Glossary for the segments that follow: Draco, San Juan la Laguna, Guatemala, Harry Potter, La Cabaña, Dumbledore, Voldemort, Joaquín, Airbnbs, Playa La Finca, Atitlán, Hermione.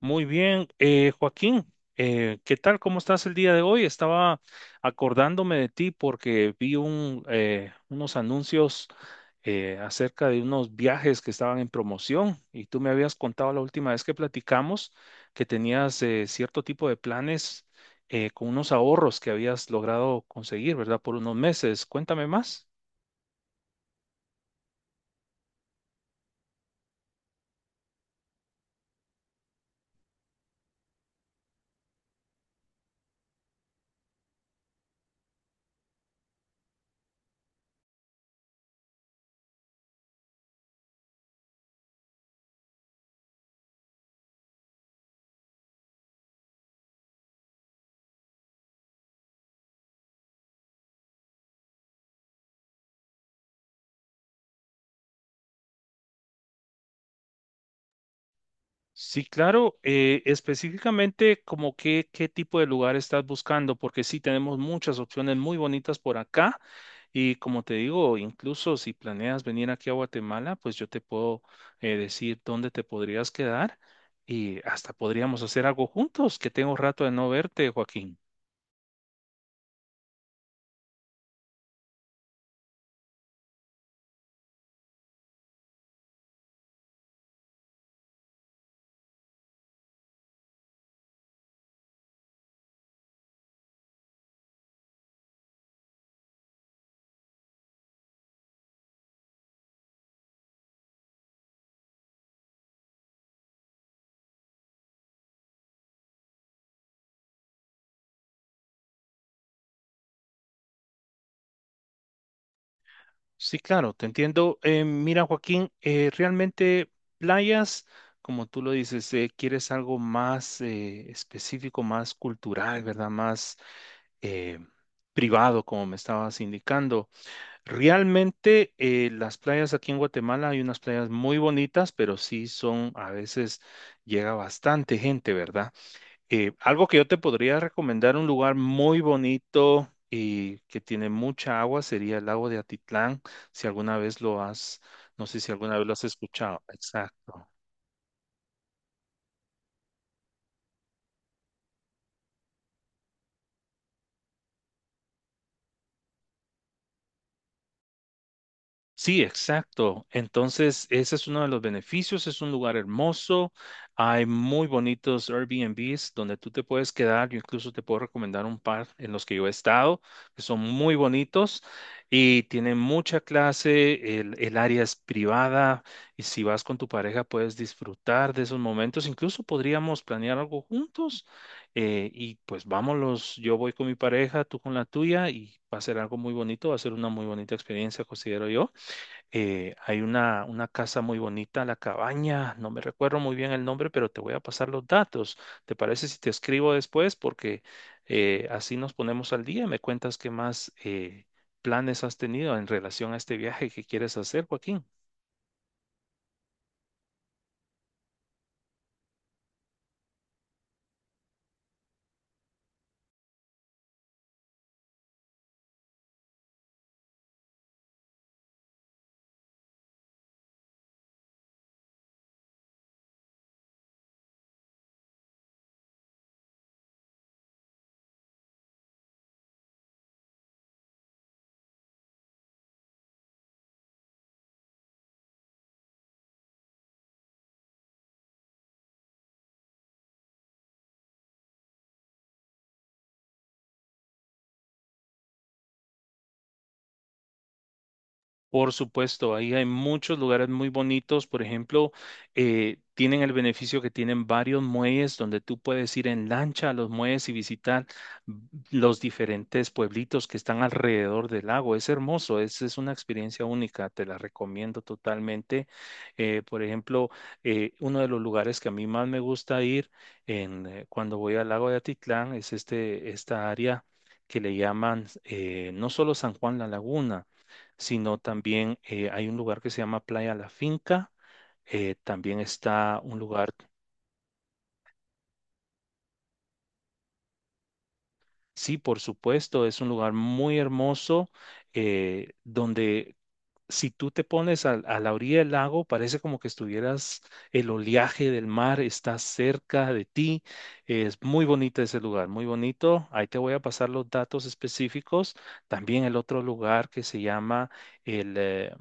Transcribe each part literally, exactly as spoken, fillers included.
Muy bien, eh, Joaquín, eh, ¿qué tal? ¿Cómo estás el día de hoy? Estaba acordándome de ti porque vi un, eh, unos anuncios eh, acerca de unos viajes que estaban en promoción y tú me habías contado la última vez que platicamos que tenías eh, cierto tipo de planes eh, con unos ahorros que habías logrado conseguir, ¿verdad? Por unos meses. Cuéntame más. Sí, claro. Eh, específicamente, como qué, ¿qué tipo de lugar estás buscando? Porque sí tenemos muchas opciones muy bonitas por acá. Y como te digo, incluso si planeas venir aquí a Guatemala, pues yo te puedo eh, decir dónde te podrías quedar y hasta podríamos hacer algo juntos, que tengo rato de no verte, Joaquín. Sí, claro, te entiendo. Eh, mira, Joaquín, eh, realmente playas, como tú lo dices, eh, quieres algo más eh, específico, más cultural, ¿verdad? Más eh, privado, como me estabas indicando. Realmente eh, las playas aquí en Guatemala hay unas playas muy bonitas, pero sí son, a veces llega bastante gente, ¿verdad? Eh, algo que yo te podría recomendar, un lugar muy bonito y que tiene mucha agua, sería el lago de Atitlán, si alguna vez lo has, no sé si alguna vez lo has escuchado. Exacto. Sí, exacto. Entonces, ese es uno de los beneficios. Es un lugar hermoso. Hay muy bonitos Airbnbs donde tú te puedes quedar. Yo incluso te puedo recomendar un par en los que yo he estado, que son muy bonitos y tienen mucha clase. El, el área es privada y si vas con tu pareja puedes disfrutar de esos momentos. Incluso podríamos planear algo juntos eh, y pues vámonos. Yo voy con mi pareja, tú con la tuya y va a ser algo muy bonito. Va a ser una muy bonita experiencia, considero yo. Eh, hay una, una casa muy bonita, La Cabaña, no me recuerdo muy bien el nombre, pero te voy a pasar los datos. ¿Te parece si te escribo después? Porque eh, así nos ponemos al día. Me cuentas qué más eh, planes has tenido en relación a este viaje que quieres hacer, Joaquín. Por supuesto, ahí hay muchos lugares muy bonitos. Por ejemplo, eh, tienen el beneficio que tienen varios muelles donde tú puedes ir en lancha a los muelles y visitar los diferentes pueblitos que están alrededor del lago. Es hermoso, es, es una experiencia única, te la recomiendo totalmente. Eh, por ejemplo, eh, uno de los lugares que a mí más me gusta ir en, eh, cuando voy al lago de Atitlán es este, esta área que le llaman, eh, no solo San Juan la Laguna, sino también, eh, hay un lugar que se llama Playa La Finca. Eh, también está un lugar, sí, por supuesto, es un lugar muy hermoso eh, donde si tú te pones al- a, la orilla del lago, parece como que estuvieras, el oleaje del mar está cerca de ti. Es muy bonito ese lugar, muy bonito. Ahí te voy a pasar los datos específicos. También el otro lugar que se llama el eh,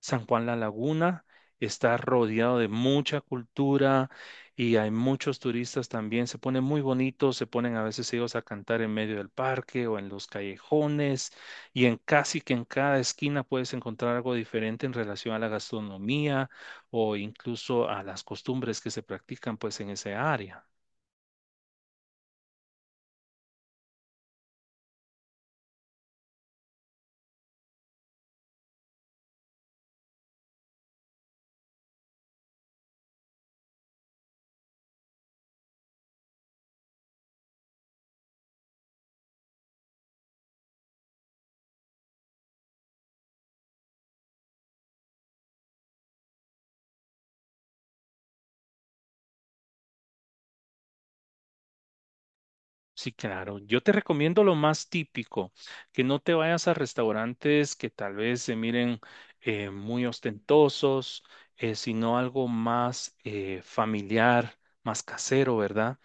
San Juan La Laguna está rodeado de mucha cultura y hay muchos turistas también. Se ponen muy bonitos, se ponen a veces ellos a cantar en medio del parque o en los callejones y en casi que en cada esquina puedes encontrar algo diferente en relación a la gastronomía o incluso a las costumbres que se practican pues en esa área. Sí, claro. Yo te recomiendo lo más típico, que no te vayas a restaurantes que tal vez se miren eh, muy ostentosos, eh, sino algo más eh, familiar, más casero, ¿verdad?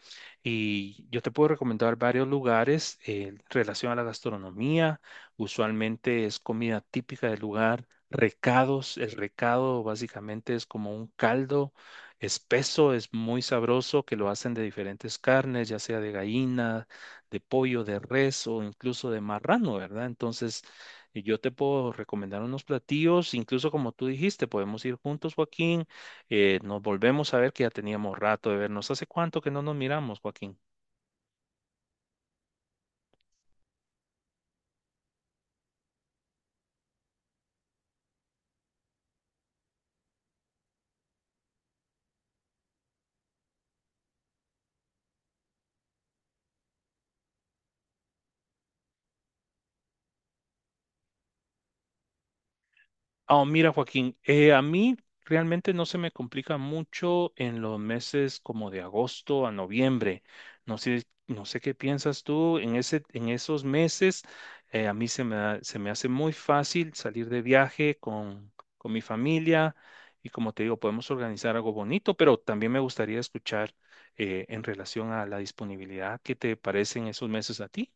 Y yo te puedo recomendar varios lugares eh, en relación a la gastronomía. Usualmente es comida típica del lugar, recados. El recado básicamente es como un caldo espeso, es muy sabroso, que lo hacen de diferentes carnes, ya sea de gallina, de pollo, de res o incluso de marrano, ¿verdad? Entonces, y yo te puedo recomendar unos platillos, incluso como tú dijiste, podemos ir juntos, Joaquín. Eh, nos volvemos a ver, que ya teníamos rato de vernos. ¿Hace cuánto que no nos miramos, Joaquín? Oh, mira, Joaquín, eh, a mí realmente no se me complica mucho en los meses como de agosto a noviembre. No sé, no sé qué piensas tú en ese, en esos meses. Eh, a mí se me, da- se me hace muy fácil salir de viaje con, con mi familia y como te digo, podemos organizar algo bonito, pero también me gustaría escuchar eh, en relación a la disponibilidad, ¿qué te parecen esos meses a ti?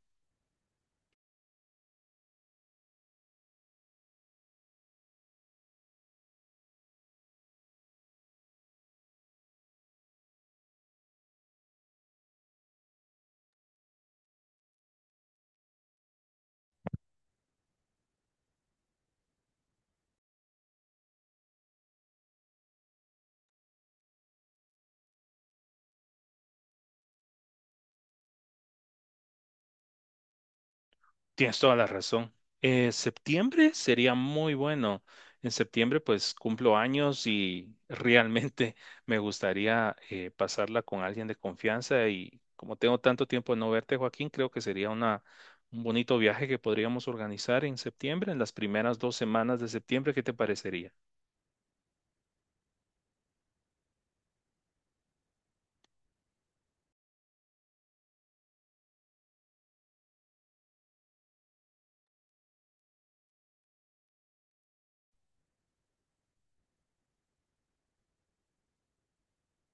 Tienes toda la razón. Eh, septiembre sería muy bueno. En septiembre pues cumplo años y realmente me gustaría eh, pasarla con alguien de confianza y como tengo tanto tiempo de no verte, Joaquín, creo que sería una, un bonito viaje que podríamos organizar en septiembre, en las primeras dos semanas de septiembre. ¿Qué te parecería?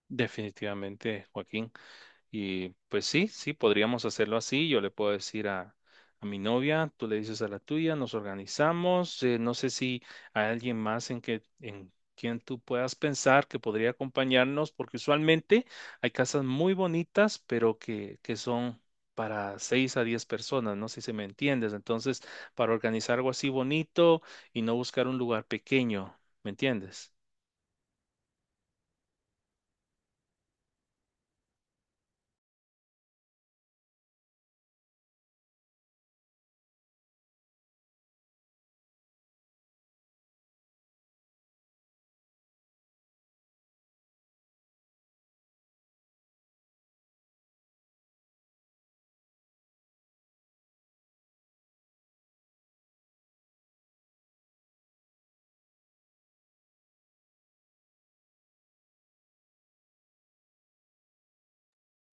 Definitivamente, Joaquín. Y pues sí, sí, podríamos hacerlo así. Yo le puedo decir a, a mi novia, tú le dices a la tuya, nos organizamos. Eh, no sé si hay alguien más en que, en quien tú puedas pensar que podría acompañarnos, porque usualmente hay casas muy bonitas, pero que, que son para seis a diez personas, no sé si me entiendes. Entonces, para organizar algo así bonito y no buscar un lugar pequeño, ¿me entiendes?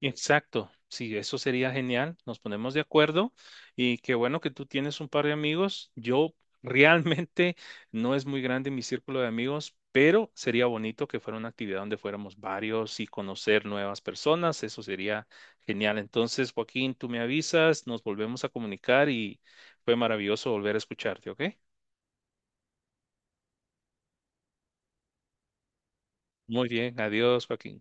Exacto, sí, eso sería genial. Nos ponemos de acuerdo y qué bueno que tú tienes un par de amigos. Yo realmente no es muy grande mi círculo de amigos, pero sería bonito que fuera una actividad donde fuéramos varios y conocer nuevas personas. Eso sería genial. Entonces, Joaquín, tú me avisas, nos volvemos a comunicar y fue maravilloso volver a escucharte, ¿ok? Muy bien, adiós, Joaquín.